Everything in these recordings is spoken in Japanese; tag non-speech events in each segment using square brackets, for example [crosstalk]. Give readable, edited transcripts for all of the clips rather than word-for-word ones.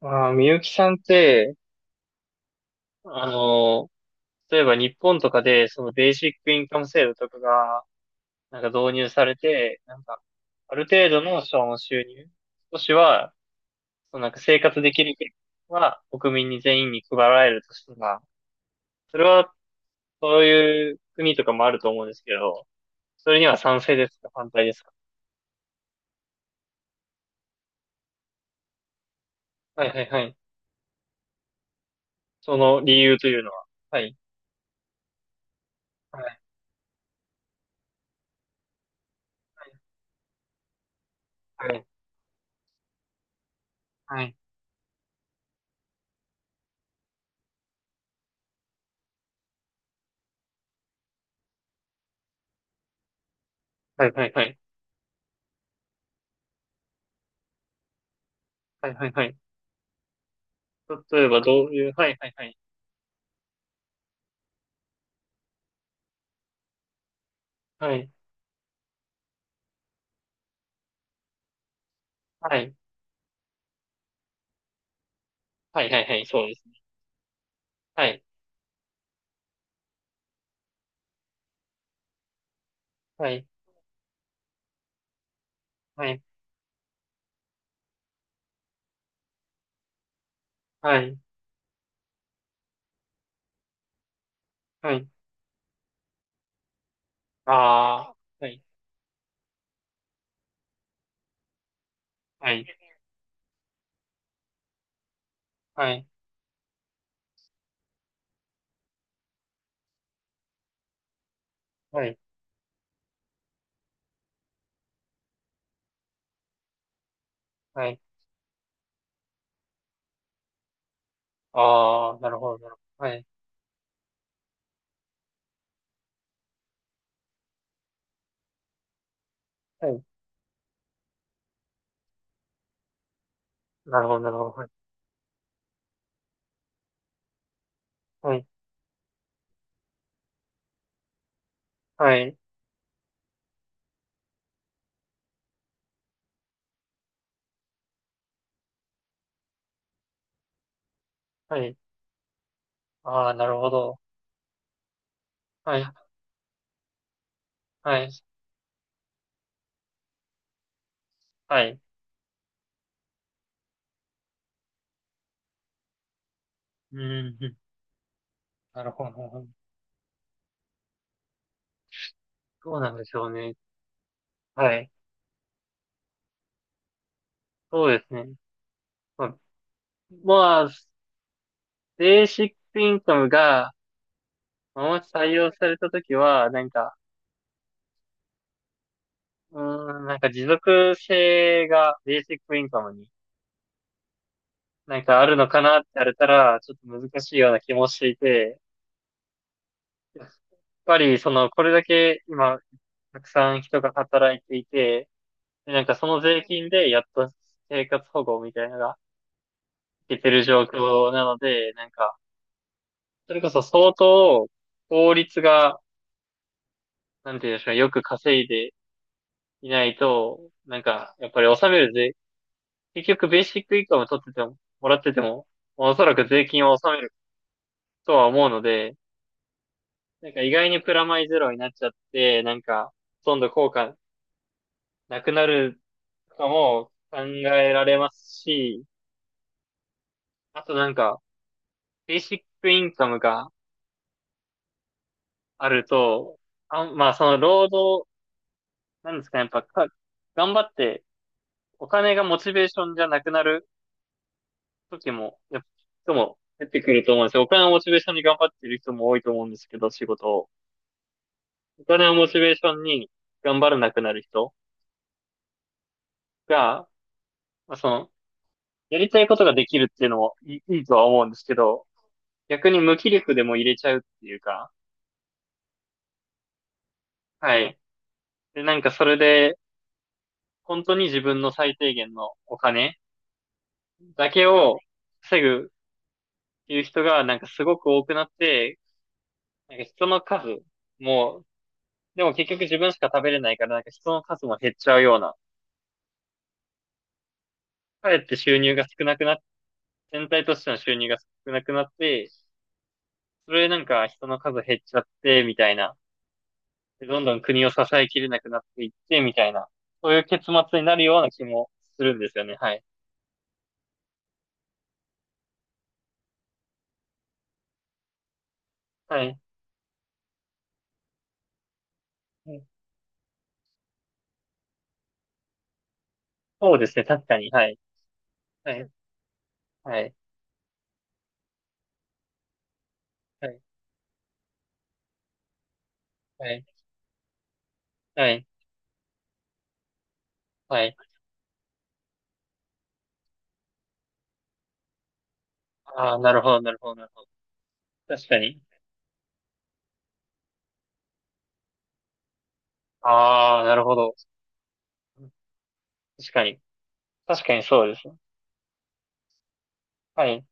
ああ、みゆきさんって、あの、例えば日本とかで、そのベーシックインカム制度とかが、なんか導入されて、なんか、ある程度のその収入、少しは、そのなんか生活できる権利は国民に全員に配られるとしたら、それは、そういう国とかもあると思うんですけど、それには賛成ですか反対ですか？はいはいはい。その理由というのは、はい。はい。はい。はい。はい。はい。はい。はい。はい。はい。例えばどういう、はいはいはい。はい。はい。はい、はい、はい、そうですね。はい、はい、はい、はい、はい。ああ、はい、はい、はい、はい、はい。ああ、なるほど、なるほど。はい、はい、なるほど、なるほど。はい、はい、はい。ああ、なるほど。はい、はい、はい。うん、[laughs] うん、なるほど、なるほど。そうなんでしょうね。はい、そうですね。まあ、まあベーシックインカムが、もし採用されたときは、なんか、うーん、なんか持続性がベーシックインカムになんかあるのかなって言われたら、ちょっと難しいような気もしていて、やっぱりその、これだけ今、たくさん人が働いていて、でなんかその税金でやっと生活保護みたいなのがいけてる状況なので、なんか、それこそ相当法律が、なんていうんですか、よく稼いでいないと、なんか、やっぱり納める税、結局ベーシックインカム取ってても、もらってても、おそらく税金を納めるとは思うので、なんか意外にプラマイゼロになっちゃって、なんか、ほとんど効果なくなるかも考えられますし、あとなんか、ベーシックインカムがあると、あ、まあその労働、なんですかね、やっぱか、頑張ってお金がモチベーションじゃなくなる時も、やっぱ人も出てくると思うんですよ。お金をモチベーションに頑張ってる人も多いと思うんですけど、仕事を。お金をモチベーションに頑張らなくなる人が、まあ、その、やりたいことができるっていうのもいい、いいとは思うんですけど、逆に無気力でも入れちゃうっていうか、はい。で、なんかそれで、本当に自分の最低限のお金だけを防ぐっていう人がなんかすごく多くなって、なんか人の数も、でも結局自分しか食べれないからなんか人の数も減っちゃうような、かえって収入が少なくなって全体としての収入が少なくなって、それなんか人の数減っちゃって、みたいな。でどんどん国を支えきれなくなっていって、みたいな。そういう結末になるような気もするんですよね。はい。はい。うん、そうですね。確かに。はい。はい。はい。はい。はい。はい。はい。ああ、なるほど、なるほど、なるほど。確かに。ああ、なるほど。確かに。確かにそうですね。はい。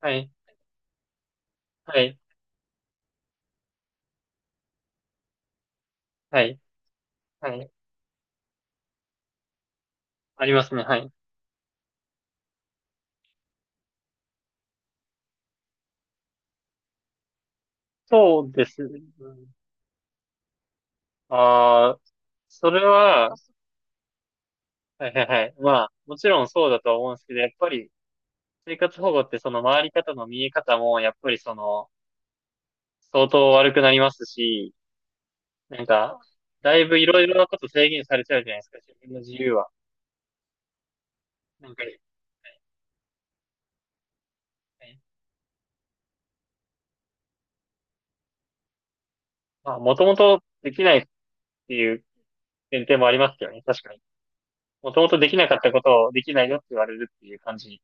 はい。はい。はい。はい。ありますね。はい。そうですね。ああ、それは、はいはいはい。まあ、もちろんそうだとは思うんですけど、やっぱり生活保護ってその回り方の見え方も、やっぱりその、相当悪くなりますし、なんか、だいぶいろいろなこと制限されちゃうじゃないですか、自分の自由は。なんか、はいはい、まあ、もともとできないっていう前提もありますけどね、確かに。もともとできなかったことをできないよって言われるっていう感じ。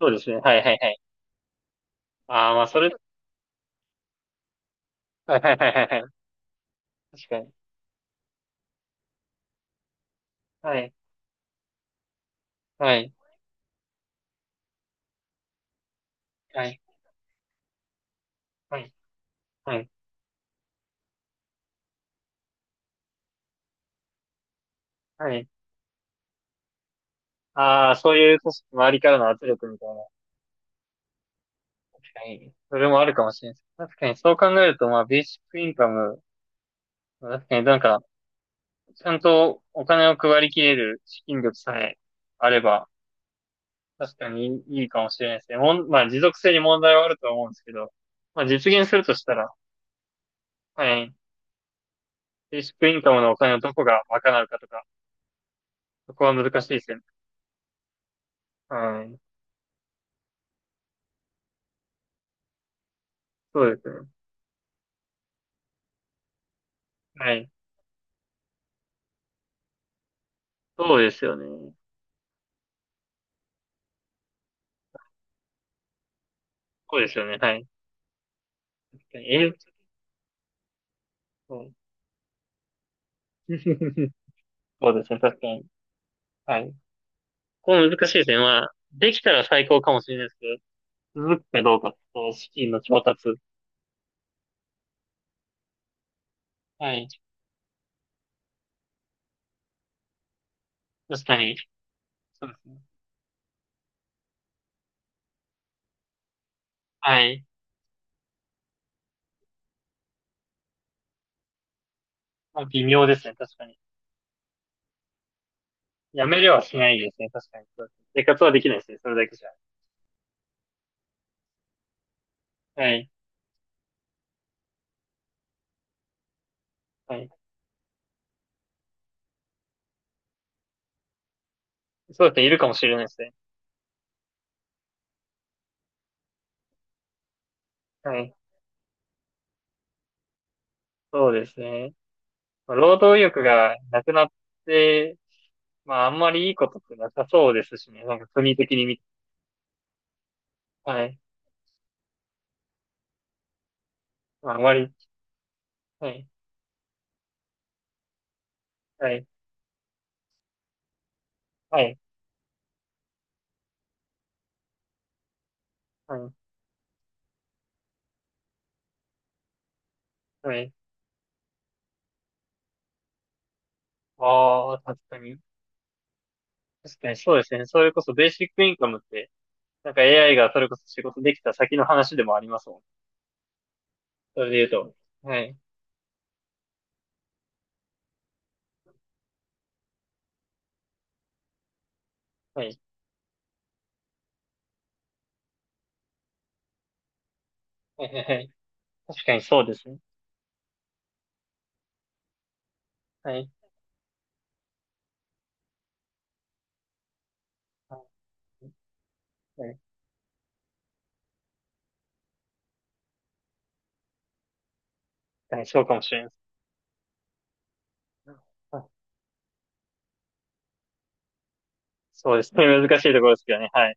そうですね、はいはいはい。ああ、まあそれ、はいはいはいはいはい。確かに。はい、はい、はい、はい、はい、はい。ああ、そういう組織周りからの圧力みたいな。確かに。それもあるかもしれないです。確かにそう考えると、まあ、ベーシックインカム、確かになんか、ちゃんとお金を配りきれる資金力さえあれば、確かにいいかもしれないですね。もん、まあ、持続性に問題はあるとは思うんですけど、まあ、実現するとしたら、はい。ベーシックインカムのお金をどこが賄うかとか、そこは難しいですよね。はい。そうですね。はい。そうですよね。そうですよね。はい。確かに、そう [laughs] そうですね。確かに。はい。この難しい点は、できたら最高かもしれないですけど、続くかどうかと、資金の調達。はい。確かに。そうですね。はい。まあ、微妙ですね。確かに。やめれはしないですね。確かに。そうですね、生活はできないですね。それだけじゃ。はい。はい。そうですね。いるかもしれないですね。はい。そうですね。まあ労働意欲がなくなって、まあ、あんまりいいことってなさそうですしね。なんか国的に見て、はい。まあ、あんまり、はい。はい。はい。はい。はい。ああ、確かに。確かにそうですね。それこそベーシックインカムって、なんか AI がそれこそ仕事できた先の話でもありますもん。それで言うと。はい。はい。はい。はいはい、確かにそうですね。はい。はい。はい、確かにそうかもしれないです。はい、そうですね。[laughs] 難しいところですけどね。はい。